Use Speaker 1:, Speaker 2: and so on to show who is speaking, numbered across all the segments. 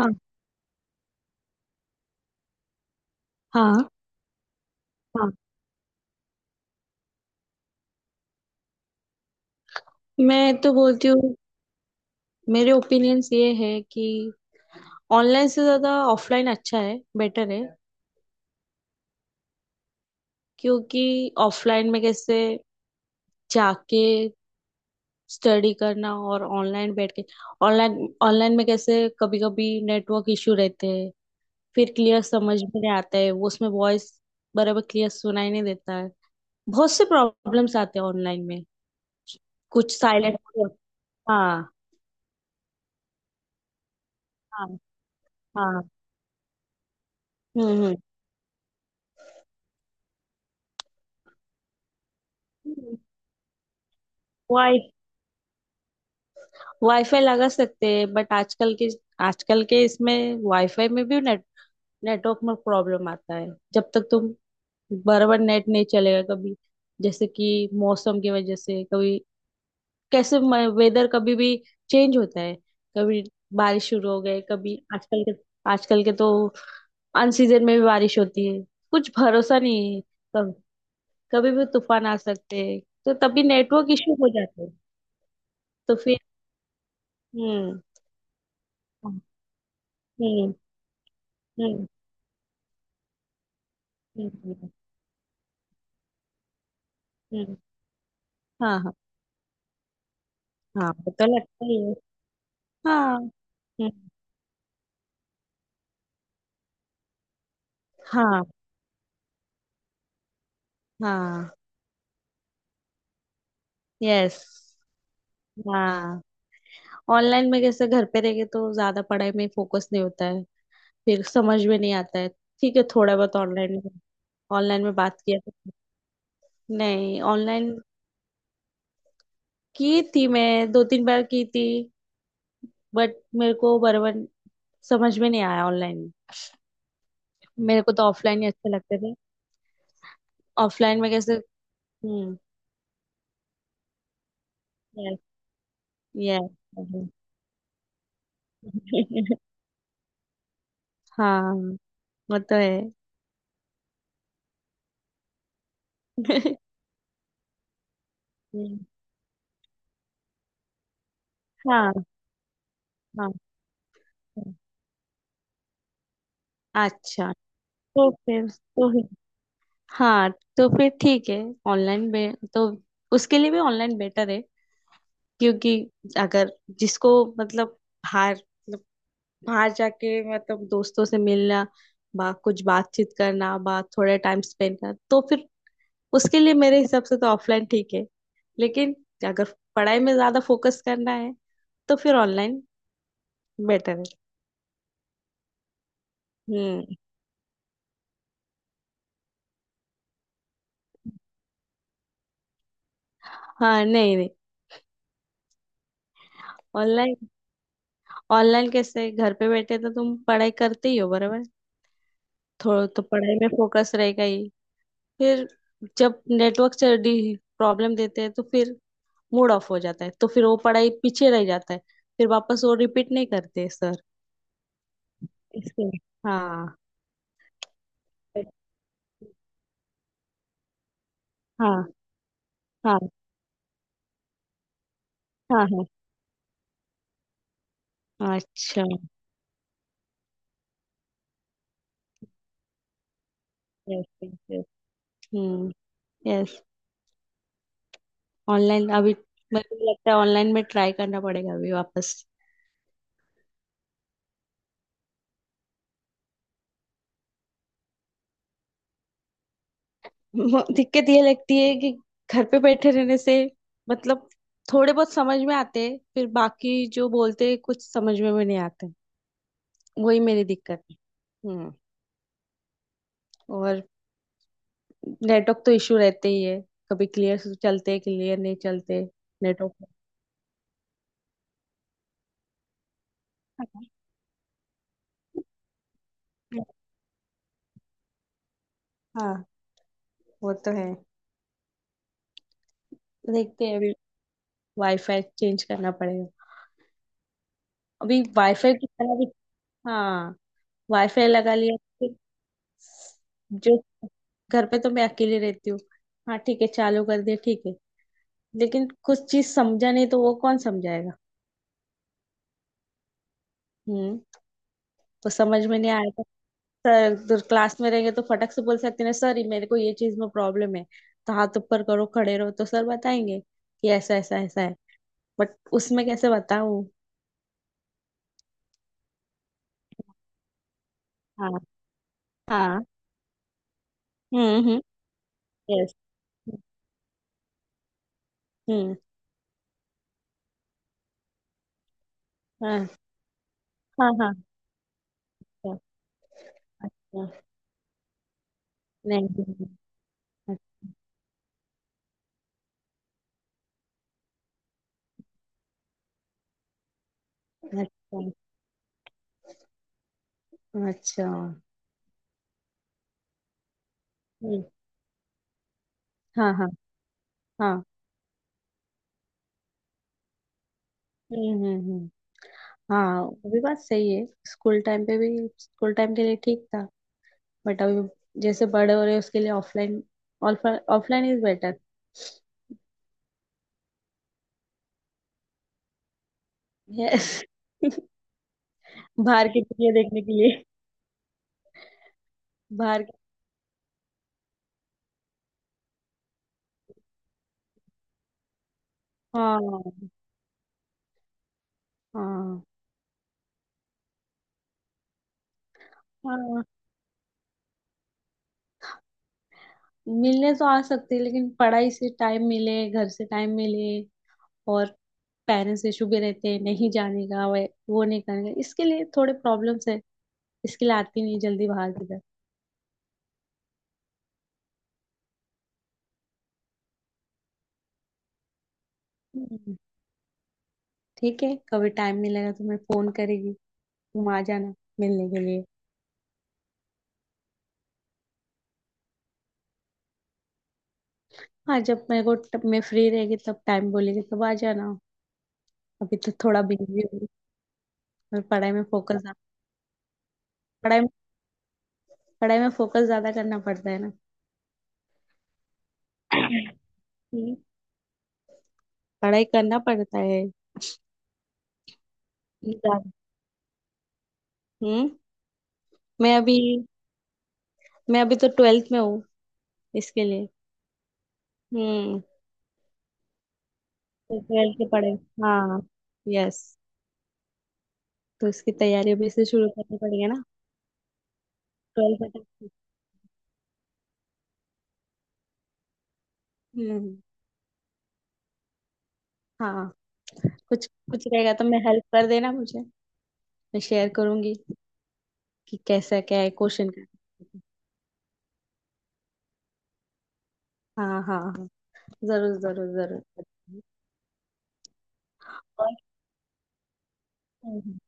Speaker 1: हाँ, हाँ, हाँ, मैं तो बोलती हूँ। मेरे ओपिनियंस ये है कि ऑनलाइन से ज्यादा ऑफलाइन अच्छा है, बेटर है। क्योंकि ऑफलाइन में कैसे जाके स्टडी करना और ऑनलाइन बैठ के ऑनलाइन ऑनलाइन में कैसे कभी कभी नेटवर्क इशू रहते हैं। फिर क्लियर समझ में नहीं आता है, वो उसमें वॉइस बराबर क्लियर सुनाई नहीं देता है। बहुत से प्रॉब्लम्स आते हैं ऑनलाइन में। कुछ साइलेंट। हाँ, हाँ, हाँ। हम्म, हम्म। वाईफाई लगा सकते हैं, बट आजकल के इसमें वाईफाई में भी नेटवर्क में प्रॉब्लम आता है। जब तक तुम बराबर नेट नहीं चलेगा। कभी जैसे कि मौसम की वजह से, कभी कैसे वेदर कभी भी चेंज होता है। कभी बारिश शुरू हो गई, कभी आजकल के तो अनसीजन में भी बारिश होती है। कुछ भरोसा नहीं है। कब कभी भी तूफान आ सकते हैं। तो तभी नेटवर्क इशू हो जाते हैं। तो फिर। हम्म। हम्म। हम्म। हम्म। हम्म, हम्म। हम्म। हाँ, हाँ, हाँ, वो तो लगता ही है। हाँ। हम्म, हाँ, हाँ। यस। हाँ, ऑनलाइन में कैसे घर पे रह के तो ज्यादा पढ़ाई में फोकस नहीं होता है। फिर समझ में नहीं आता है। ठीक है, थोड़ा बहुत ऑनलाइन में बात किया तो। नहीं, ऑनलाइन की थी, मैं दो तीन बार की थी। बट मेरे को बराबर समझ में नहीं आया ऑनलाइन। मेरे को तो ऑफलाइन ही अच्छे लगते थे। ऑफलाइन में कैसे। हम्म। Yes, yes. हाँ, वो तो है। हम्म, हाँ, हाँ, हाँ। अच्छा। तो फिर हाँ, तो फिर ठीक है। ऑनलाइन बे तो उसके लिए भी ऑनलाइन बेटर है। क्योंकि अगर जिसको मतलब बाहर, मतलब बाहर जाके मतलब दोस्तों से मिलना, बा कुछ बातचीत करना, बा थोड़ा टाइम स्पेंड करना, तो फिर उसके लिए मेरे हिसाब से तो ऑफलाइन ठीक है। लेकिन अगर पढ़ाई में ज्यादा फोकस करना है तो फिर ऑनलाइन बेटर है। हम्म। हाँ, नहीं, नहीं, ऑनलाइन ऑनलाइन कैसे घर पे बैठे तो तुम पढ़ाई करते ही हो बराबर। थोड़ा तो पढ़ाई में फोकस रहेगा ही। फिर जब नेटवर्क प्रॉब्लम देते हैं तो फिर मूड ऑफ हो जाता है, तो फिर वो पढ़ाई पीछे रह जाता है। फिर वापस वो रिपीट नहीं करते सर। इसके। हाँ, हाँ, हाँ, हाँ, हाँ। अच्छा। Yes, yes. Hmm. Yes. Online अभी मेरे को लगता है ऑनलाइन में ट्राई करना पड़ेगा अभी वापस। दिक्कत ये लगती है कि घर पे बैठे रहने से मतलब थोड़े बहुत समझ में आते हैं, फिर बाकी जो बोलते हैं कुछ समझ में भी नहीं आते। वही मेरी दिक्कत है। हम्म। और नेटवर्क तो इशू रहते ही है। कभी क्लियर चलते, क्लियर नहीं चलते। नेटवर्क। हाँ, वो तो है। देखते हैं, अभी वाईफाई चेंज करना पड़ेगा। अभी वाईफाई की तरह भी। हाँ। वाईफाई लगा लिया फिर, जो घर पे तो मैं अकेले रहती हूँ। हाँ, ठीक है, चालू कर दिया, ठीक है। लेकिन कुछ चीज समझा नहीं तो वो कौन समझाएगा। हम्म। तो समझ में नहीं आया तो सर तो क्लास में रहेंगे तो फटक से बोल सकते हैं, सर ये मेरे को ये चीज में प्रॉब्लम है। तो हाथ ऊपर करो, खड़े रहो, तो सर बताएंगे कि ऐसा ऐसा ऐसा है। बट उसमें कैसे बताऊं। हाँ, हाँ। हम्म, हम्म। यस। हम्म। हाँ, हाँ, हाँ। अच्छा, अच्छा। नहीं, नहीं, अच्छा, अच्छा, अच्छा। हम्म। हाँ, हाँ, हाँ। हम्म, हम्म, हम्म। हाँ, वो भी बात सही है, स्कूल टाइम पे भी। स्कूल टाइम के लिए ठीक था। बट अभी जैसे बड़े हो रहे हैं, उसके लिए offline offline is better. Yes. बाहर की दुनिया देखने के लिए। बाहर की। हाँ, हाँ, हाँ, मिलने तो आ सकते हैं, लेकिन पढ़ाई से टाइम मिले, घर से टाइम मिले। और पेरेंट्स इशू भी रहते हैं, नहीं जाने का, वो नहीं करने का, इसके लिए थोड़े प्रॉब्लम्स है। इसके लिए आती नहीं जल्दी बाहर की तरफ। हम्म, ठीक है, कभी टाइम मिलेगा तो मैं फोन करेगी, तुम आ जाना मिलने के लिए। हाँ, जब मेरे को तब मैं फ्री रहेगी तब टाइम बोलेगी, तब आ जाना। अभी तो थोड़ा बिजी हूँ। और पढ़ाई में फोकस ज्यादा। पढ़ाई पढ़ाई में फोकस ज्यादा करना पड़ता है ना। हम्म, पढ़ाई करना पड़ता है ज्यादा। हम्म। मैं अभी मैं अभी तो 12th में हूँ। इसके लिए। हम्म। तो ट्वेल्थ की पढ़ाई। हाँ, यस, तो उसकी तैयारी अभी से शुरू करनी पड़ेगी ना। ट्वेल्थ में तो- हम्म। हाँ, कुछ कुछ रहेगा तो मैं हेल्प कर देना मुझे। मैं शेयर करूंगी कि कैसा क्या है क्वेश्चन का। हाँ, हाँ, जरूर, जरूर, जरूर। और। हम्म।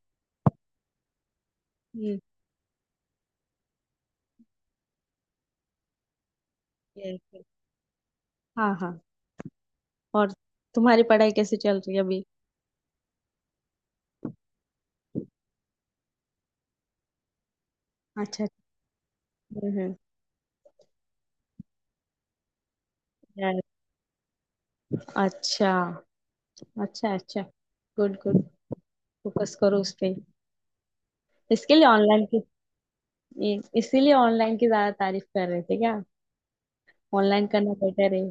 Speaker 1: Yes, yes. हाँ, हाँ, और तुम्हारी पढ़ाई कैसे चल रही है अभी। अच्छा। हम्म, अच्छा, अच्छा, अच्छा, गुड, गुड, फोकस करो उस पे। इसके लिए ऑनलाइन की इसीलिए ऑनलाइन की ज्यादा तारीफ कर रहे थे क्या। ऑनलाइन करना बेटर है।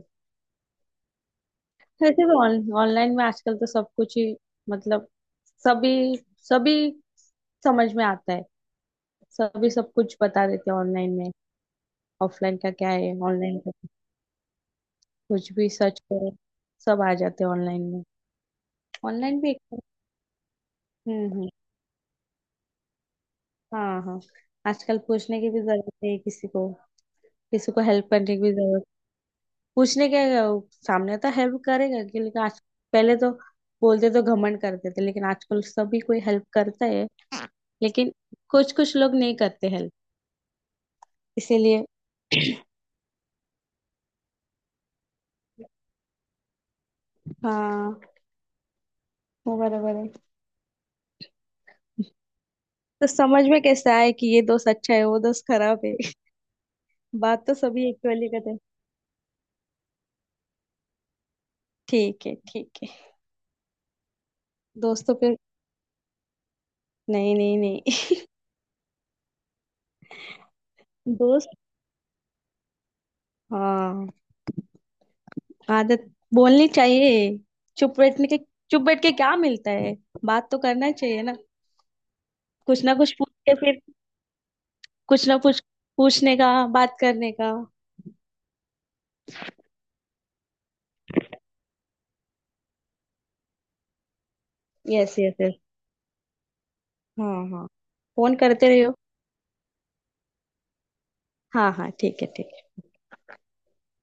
Speaker 1: वैसे भी ऑनलाइन में आजकल तो सब कुछ ही मतलब सभी, सभी समझ में आता है। सभी सब कुछ बता देते हैं ऑनलाइन में। ऑफलाइन का क्या है, ऑनलाइन कुछ भी सर्च करो सब आ जाते हैं ऑनलाइन में। ऑनलाइन भी एक। हम्म, हम्म। हाँ, हाँ। आजकल पूछने की भी जरूरत नहीं है किसी को। किसी को हेल्प करने की भी जरूरत। पूछने के वो सामने तो हेल्प करेगा कि लेकिन आज। पहले तो बोलते तो घमंड करते थे लेकिन आजकल सभी कोई हेल्प करता है। लेकिन कुछ कुछ लोग नहीं करते हेल्प। इसीलिए। हाँ, वो बराबर है। तो समझ में कैसे आए कि ये दोस्त अच्छा है वो दोस्त खराब है। बात तो सभी इक्वली करते हैं। ठीक है, ठीक है। दोस्तों पे नहीं, नहीं, नहीं। दोस्त। हाँ। आदत बोलनी चाहिए। चुप बैठने के चुप बैठ के क्या मिलता है। बात तो करना चाहिए ना। कुछ ना कुछ पूछ के फिर कुछ ना कुछ पूछने का, बात करने का। Yes, yes, yes. हाँ, हाँ, फोन करते रहो। हाँ, हाँ, ठीक है, ठीक।